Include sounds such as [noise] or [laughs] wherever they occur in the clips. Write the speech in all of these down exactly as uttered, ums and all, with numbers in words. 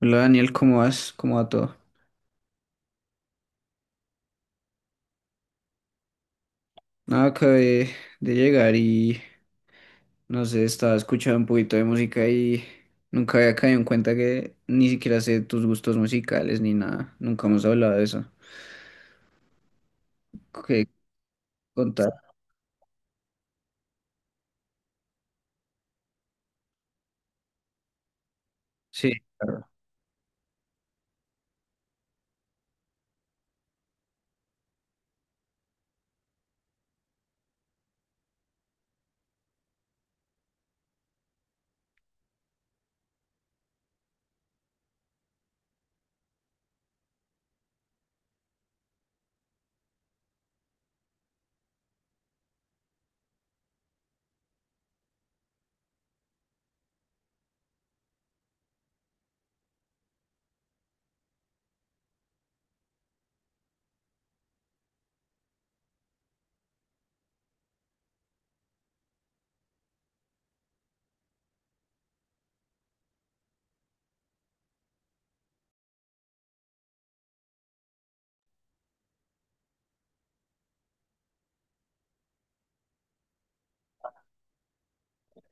Hola Daniel, ¿cómo vas? ¿Cómo va todo? Nada, acabé de llegar y no sé, estaba escuchando un poquito de música y nunca había caído en cuenta que ni siquiera sé tus gustos musicales ni nada. Nunca hemos hablado de eso. ¿Qué contar? Sí, claro.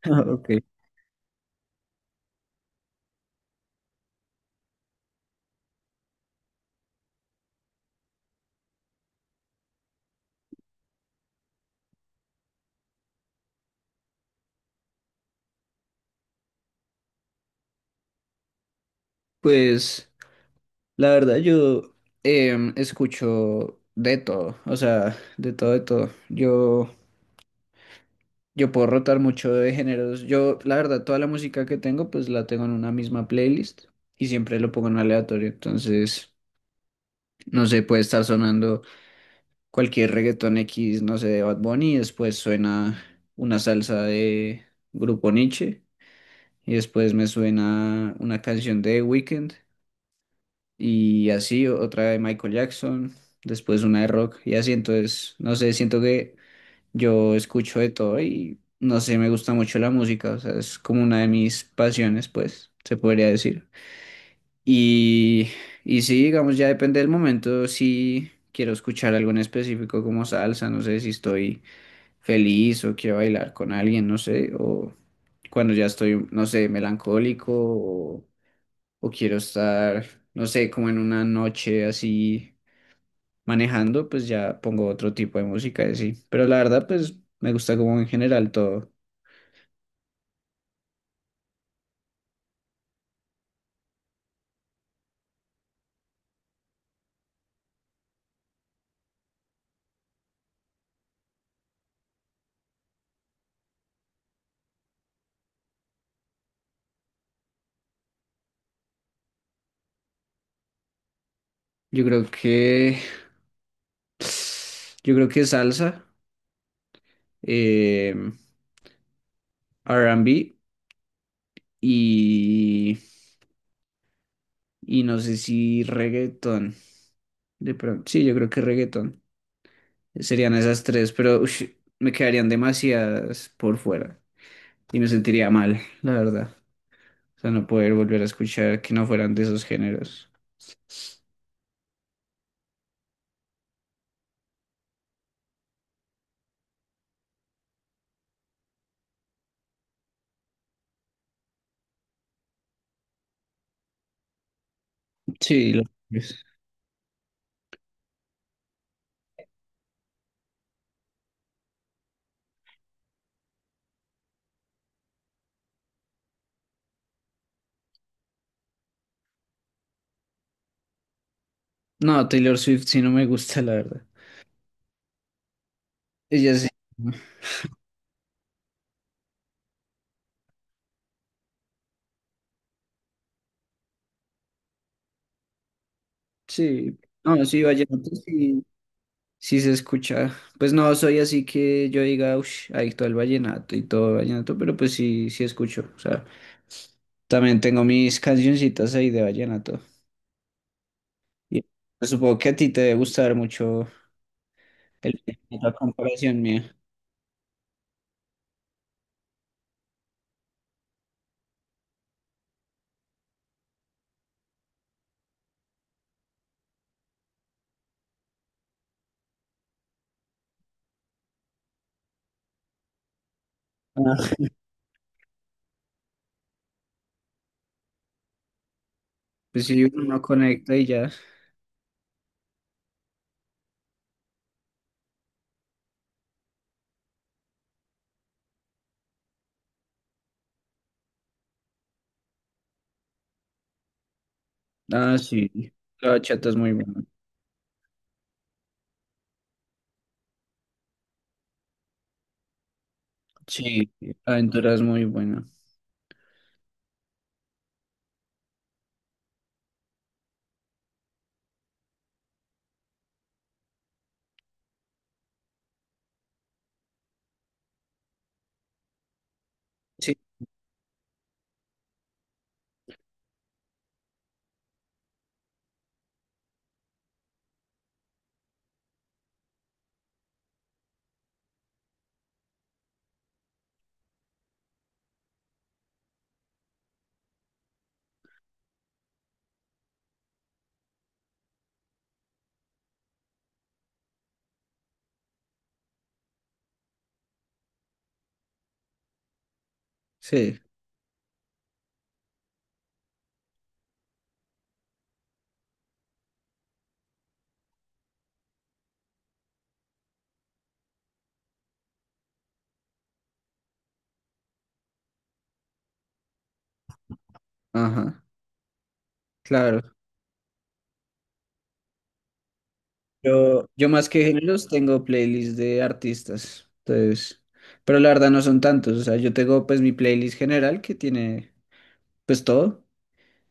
[laughs] Ok. Pues la verdad yo em, escucho de todo, o sea, de todo, de todo. Yo Yo puedo rotar mucho de géneros. Yo, la verdad, toda la música que tengo, pues la tengo en una misma playlist y siempre lo pongo en aleatorio. Entonces, no sé, puede estar sonando cualquier reggaetón X, no sé, de Bad Bunny, y después suena una salsa de Grupo Niche, y después me suena una canción de The Weeknd, y así o- otra de Michael Jackson, después una de rock, y así. Entonces, no sé, siento que yo escucho de todo y no sé, me gusta mucho la música, o sea, es como una de mis pasiones, pues, se podría decir. Y, y sí, digamos, ya depende del momento, si quiero escuchar algo en específico como salsa, no sé si estoy feliz o quiero bailar con alguien, no sé, o cuando ya estoy, no sé, melancólico o, o quiero estar, no sé, como en una noche así manejando, pues ya pongo otro tipo de música y así. Pero la verdad, pues, me gusta como en general todo. Yo creo que. Yo creo que salsa, eh, R and B y, y no sé si reggaetón. De pronto, sí, yo creo que reggaetón. Serían esas tres, pero ush, me quedarían demasiadas por fuera y me sentiría mal, la verdad. O sea, no poder volver a escuchar que no fueran de esos géneros. Sí, lo es. No, Taylor Swift sí no me gusta, la verdad. Ella sí. Sí. No, sí, vallenato sí. Sí se escucha. Pues no soy así que yo diga, uff, adicto al vallenato y todo el vallenato, pero pues sí, sí escucho. O sea, también tengo mis cancioncitas ahí de vallenato. Y pues supongo que a ti te debe gustar mucho el vallenato a comparación mía. Ah. Pues sí, uno no conecta y ya. Ah, sí. La bachata es muy buena. Sí, Aventura es muy buena. Sí, sí, ajá, claro. Yo, yo más que géneros tengo playlists de artistas, entonces, pero la verdad no son tantos, o sea, yo tengo pues mi playlist general que tiene pues todo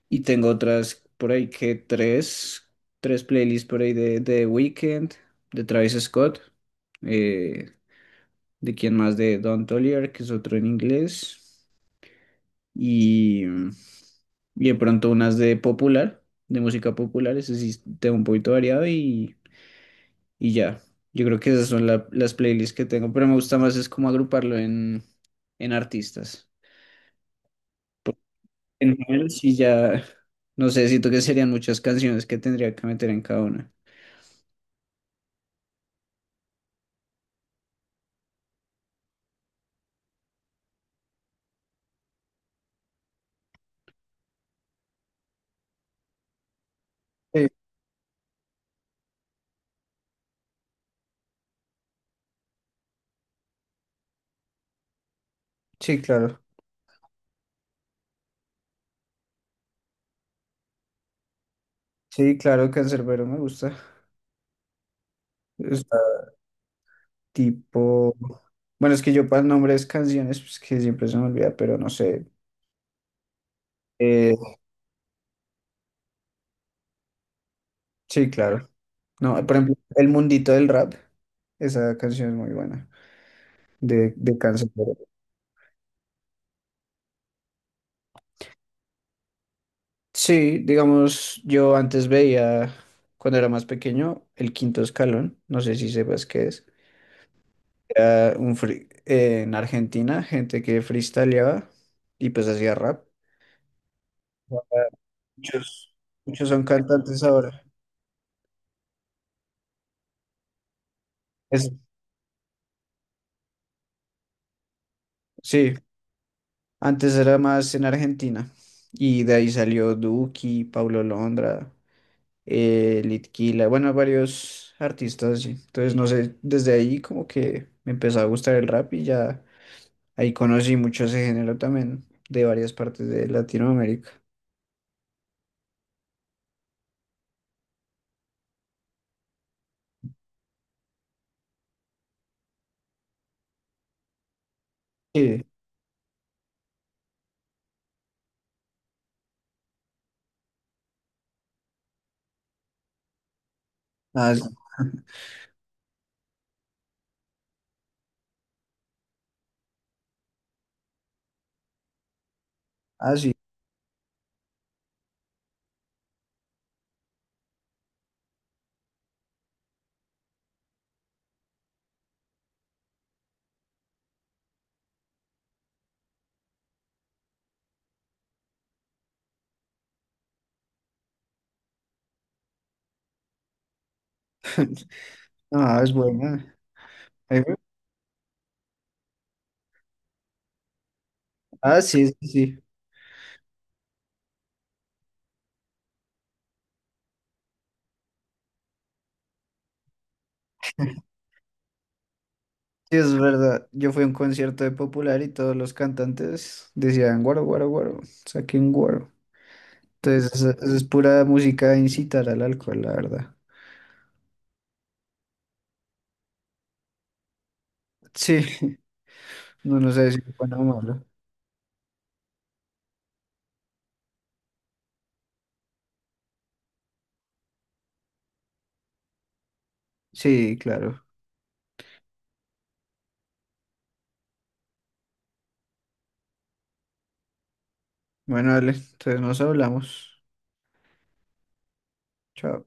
y tengo otras por ahí que tres, tres playlists por ahí de, de The Weeknd, de Travis Scott, eh, de quién más, de Don Toliver, que es otro en inglés, y, y de pronto unas de popular, de música popular, ese sí tengo un poquito variado y Y ya, yo creo que esas son la- las playlists que tengo, pero me gusta más es como agruparlo en, en artistas. En general, sí ya, no sé, siento que serían muchas canciones que tendría que meter en cada una. Sí, sí, claro. Sí, claro, Canserbero me gusta. O sea, tipo, bueno, es que yo para nombres canciones, pues que siempre se me olvida, pero no sé. Eh, sí, claro. No, por ejemplo, El Mundito del Rap, esa canción es muy buena, de, de Canserbero. Sí, digamos, yo antes veía, cuando era más pequeño, el quinto escalón, no sé si sepas qué es. Era un free- eh, en Argentina, gente que freestyleaba y pues hacía rap. Muchos, muchos son cantantes ahora. Es- sí, antes era más en Argentina y de ahí salió Duki, Paulo Londra, eh, Litquila, bueno, varios artistas, sí. Entonces, no sé, desde ahí como que me empezó a gustar el rap y ya. Ahí conocí mucho ese género también, de varias partes de Latinoamérica. Sí, ah, s- ah, sí. [laughs] No, ah, es buena. Ahí fue- Ah, sí, sí, sí. Sí, es verdad. Yo fui a un concierto de Popular y todos los cantantes decían guaro, guaro, guaro, saquen guaro. Entonces, eso- eso es pura música de incitar al alcohol, la verdad. Sí, [laughs] no nos sé si es bueno o malo. Sí, claro. Bueno, dale, entonces nos hablamos. Chao.